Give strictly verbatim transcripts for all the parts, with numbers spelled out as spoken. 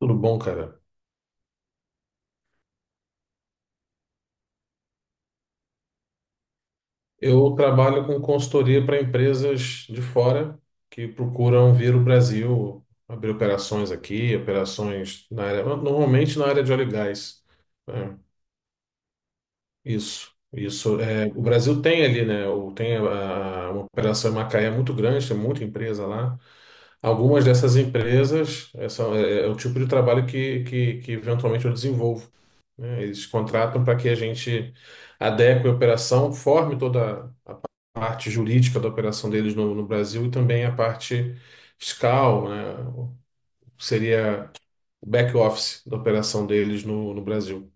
Tudo bom, cara? Eu trabalho com consultoria para empresas de fora que procuram vir o Brasil, abrir operações aqui, operações na área, normalmente na área de óleo e gás. É, isso, isso. É, o Brasil tem ali, né? o- Tem a, a- uma operação em Macaé muito grande, tem muita empresa lá. Algumas dessas empresas é, são- é- é o tipo de trabalho que, que, que eventualmente eu desenvolvo, né? Eles contratam para que a gente adeque a operação, forme toda parte jurídica da operação deles no, no Brasil e também a parte fiscal, né? Seria o back office da operação deles no, no Brasil.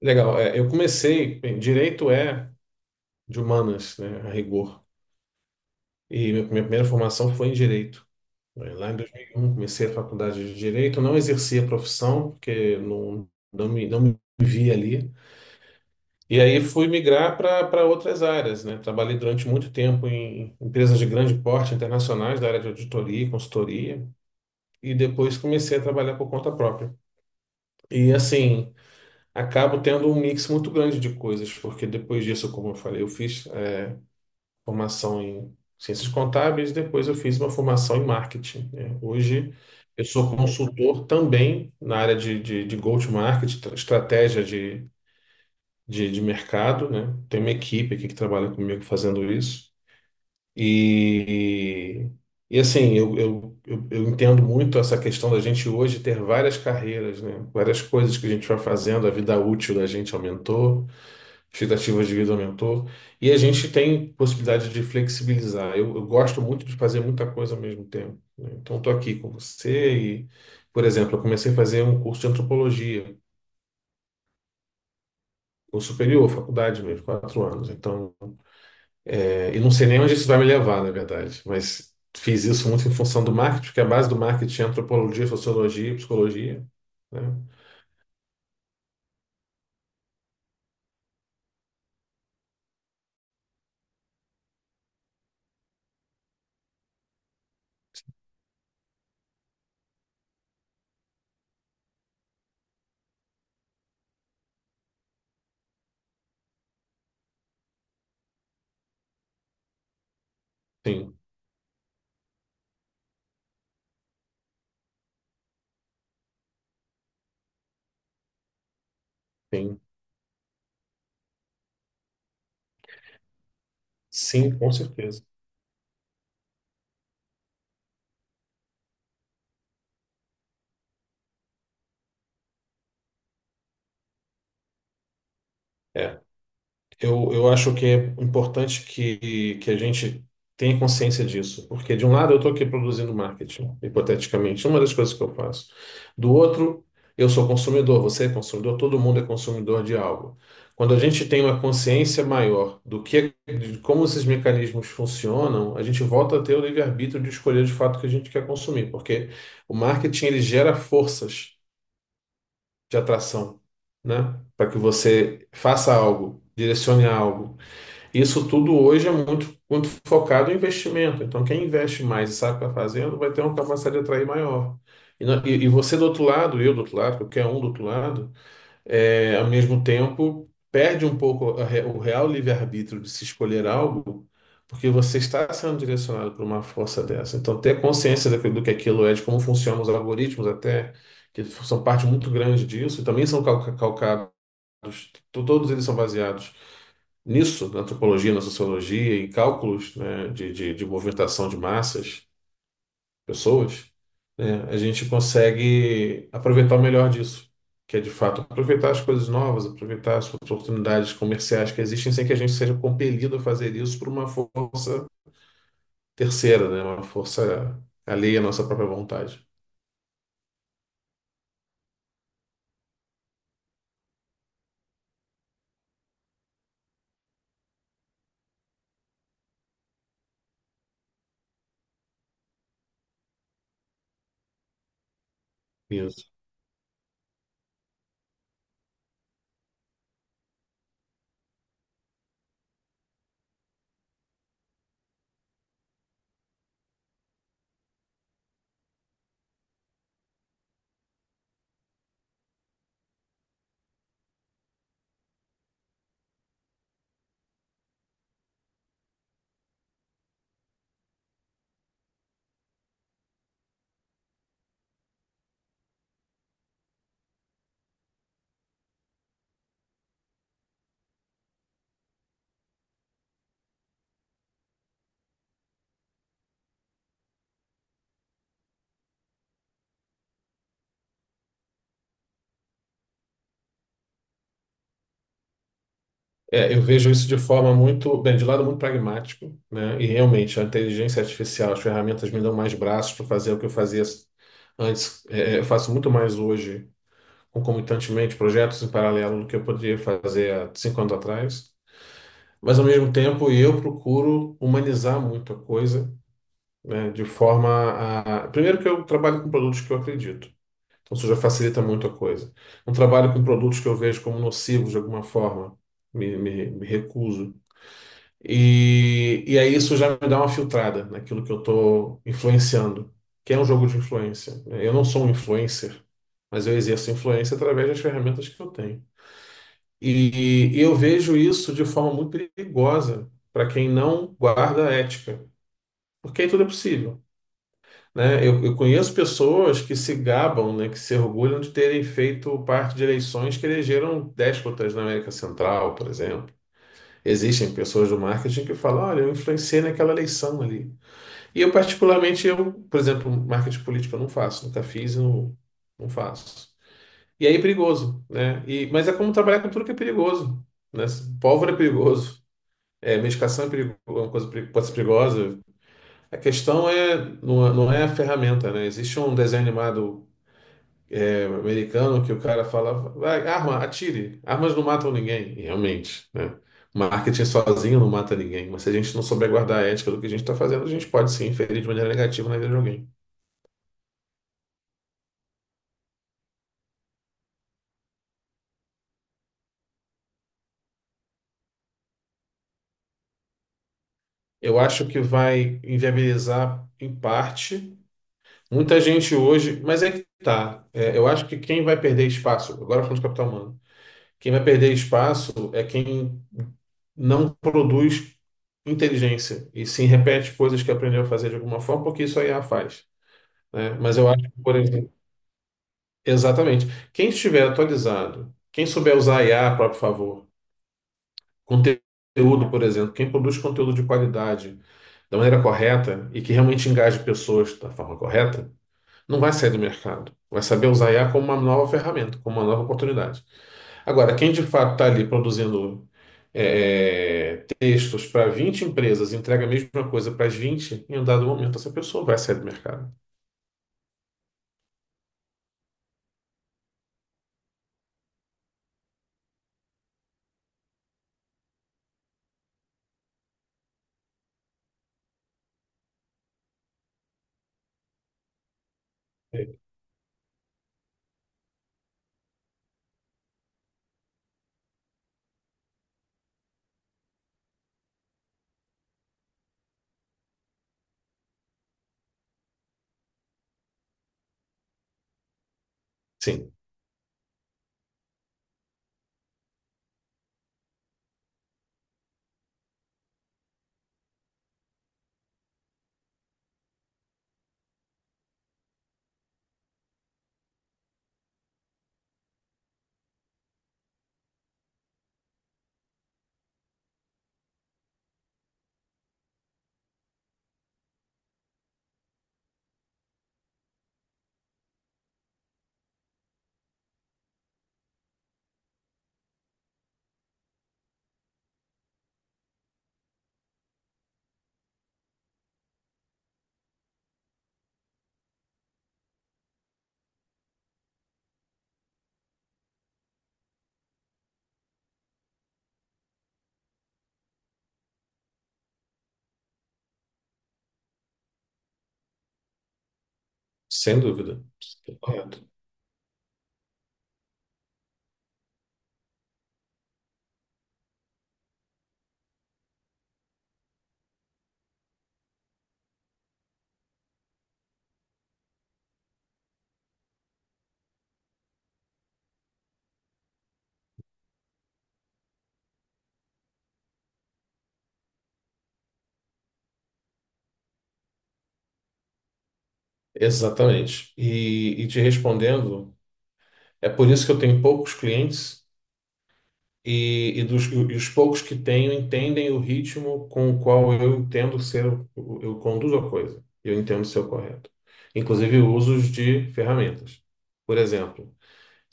Legal. É, eu comecei, bem, direito é de humanas, né, a rigor, e minha, minha primeira formação foi em direito. Eh, Lá em dois mil e um comecei a faculdade de direito, não exerci a profissão, porque não, não me, não me via ali. E aí fui migrar para outras áreas, né? Trabalhei durante muito tempo em empresas de grande porte internacionais da área de auditoria e consultoria, e depois comecei a trabalhar por conta própria. E assim, acabo tendo um mix muito grande de coisas, porque depois disso, como eu falei, eu fiz a formação em ciências contábeis, depois eu fiz uma formação em marketing, né? Hoje eu sou consultor também na área de, de, de go-to-market, estratégia de de, de mercado, né? Tem uma equipe aqui que trabalha comigo fazendo isso. E, e assim, eu, eu, eu, eu entendo muito essa questão da gente hoje ter várias carreiras, né? Várias coisas que a gente vai fazendo, a vida útil da gente aumentou, expectativas de vida aumentou, e a gente tem possibilidade de flexibilizar. Eu, eu gosto muito de fazer muita coisa ao mesmo tempo, né? Então, estou aqui com você e, por exemplo, eu comecei a fazer um curso de antropologia. O superior, faculdade mesmo, quatro anos. Então, E não sei nem onde isso vai me levar, na verdade, mas fiz isso muito em função do marketing, porque a base do marketing é antropologia, sociologia, e psicologia, né? Sim, sim, sim, com certeza. É. Eu, eu acho que é importante que, que a gente tenha consciência disso, porque de um lado eu estou aqui produzindo marketing, hipoteticamente, uma das coisas que eu faço. Do outro, eu sou consumidor, você é consumidor, todo mundo é consumidor de algo. Quando a gente tem uma consciência maior do que, de como esses mecanismos funcionam, a gente volta a ter o livre-arbítrio de escolher de fato o que a gente quer consumir, porque o marketing ele gera forças de atração, né? Para que você faça algo, direcione algo. Isso tudo hoje é muito, muito focado em investimento. Então, quem investe mais e sabe o que está fazendo vai ter uma capacidade de atrair maior. E, na- e- e você do outro lado, eu do outro lado, qualquer um do outro lado, é, ao mesmo tempo perde um pouco a re- o real livre-arbítrio de se escolher algo, porque você está sendo direcionado por uma força dessa. Então, ter consciência daquilo- do que aquilo é, de como funcionam os algoritmos até, que são parte muito grande disso, e também são calca- calcados, to- todos eles são baseados nisso, na antropologia, na sociologia, em cálculos, né, de, de, de movimentação de massas, pessoas, né, a gente consegue aproveitar o melhor disso, que é de fato aproveitar as coisas novas, aproveitar as oportunidades comerciais que existem sem que a gente seja compelido a fazer isso por uma força terceira, né, uma força alheia à nossa própria vontade. Isso. É, eu vejo isso de forma muito, bem, de lado muito pragmático, né? E realmente a inteligência artificial, as ferramentas me dão mais braços para fazer o que eu fazia antes. É, eu faço muito mais hoje, concomitantemente, projetos em paralelo do que eu poderia fazer há cinco anos atrás. Mas ao mesmo tempo, eu procuro humanizar muito a coisa, né? De forma a, primeiro que eu trabalho com produtos que eu acredito. Então isso já facilita muito a coisa. Não trabalho com produtos que eu vejo como nocivos de alguma forma. Me, me, me recuso. E e aí isso já me dá uma filtrada naquilo que eu estou influenciando, que é um jogo de influência, né? Eu não sou um influencer, mas eu exerço influência através das ferramentas que eu tenho. E, e eu vejo isso de forma muito perigosa para quem não guarda a ética, porque aí tudo é possível. Né? Eu, eu conheço pessoas que se gabam, né, que se orgulham de terem feito parte de eleições que elegeram déspotas na América Central, por exemplo. Existem pessoas do marketing que falam, olha, eu influenciei naquela eleição ali. E eu, particularmente, eu, por exemplo, marketing político eu não faço, nunca fiz e não, não faço. E aí é perigoso, né? E, mas é como trabalhar com tudo que é perigoso, né? Pólvora é perigoso, é, medicação é perigo, é uma coisa peri- pode ser perigosa. A questão é, não, é- não é a ferramenta, né? Existe um desenho animado americano que o cara fala, vai, arma, atire. Armas não matam ninguém. E realmente, né? Marketing sozinho não mata ninguém, mas se a gente não souber guardar a ética do que a gente está fazendo, a gente pode sim inferir de maneira negativa na vida de alguém. Eu acho que vai inviabilizar em parte muita gente hoje, mas é que tá. É, eu acho que quem vai perder espaço, agora falando de capital humano, quem vai perder espaço é quem não produz inteligência e sim repete coisas que aprendeu a fazer de alguma forma, porque isso a I A faz, né? Mas eu acho que, por exemplo, exatamente. Quem estiver atualizado, quem souber usar IA a a próprio favor, conteúdo, por exemplo, quem produz conteúdo de qualidade da maneira correta e que realmente engaje pessoas da forma correta, não vai sair do mercado. Vai saber usar I A como uma nova ferramenta, como uma nova oportunidade. Agora, quem de fato está ali produzindo é, é, textos para vinte empresas, e entrega a mesma coisa para as vinte em um dado momento essa pessoa vai sair do mercado. Sim, sem dúvida. Correto. Exatamente. E e te respondendo, é por isso que eu tenho poucos clientes e, e, dos, e os poucos que tenho entendem o ritmo com o qual eu entendo ser, o- o- eu conduzo a coisa. Eu entendo ser o correto. Inclusive usos de ferramentas. Por exemplo,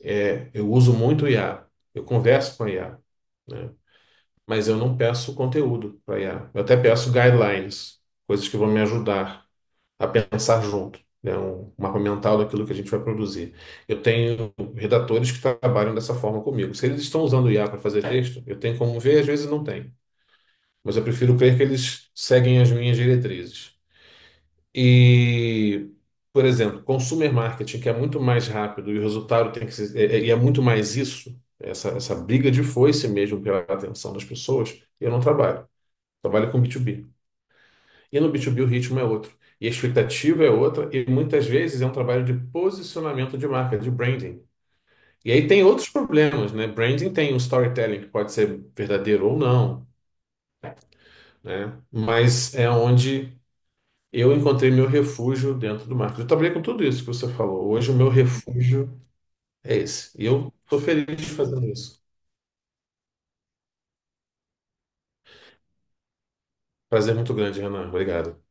é, eu uso muito o I A. Eu converso com a I A, né? Mas eu não peço conteúdo para I A. Eu até peço guidelines, coisas que vão me ajudar a pensar junto, né? Um mapa mental daquilo que a gente vai produzir. Eu tenho redatores que trabalham dessa forma comigo. Se eles estão usando o I A para fazer texto, eu tenho como ver, às vezes não tem. Mas eu prefiro crer que eles seguem as minhas diretrizes. E, por exemplo, consumer marketing, que é muito mais rápido e o resultado tem que ser, é, é- e é muito mais isso, essa, essa briga de foice mesmo pela atenção das pessoas, eu não trabalho trabalha com B dois B. E no B dois B o ritmo é outro. E a expectativa é outra. E muitas vezes é um trabalho de posicionamento de marca, de branding. E aí tem outros problemas, né? Branding tem um storytelling, que pode ser verdadeiro ou não, né? Mas é onde eu encontrei meu refúgio dentro do marketing. Eu trabalhei com tudo isso que você falou. Hoje o meu refúgio é esse. E eu estou feliz fazendo isso. Prazer muito grande, Renan. Obrigado.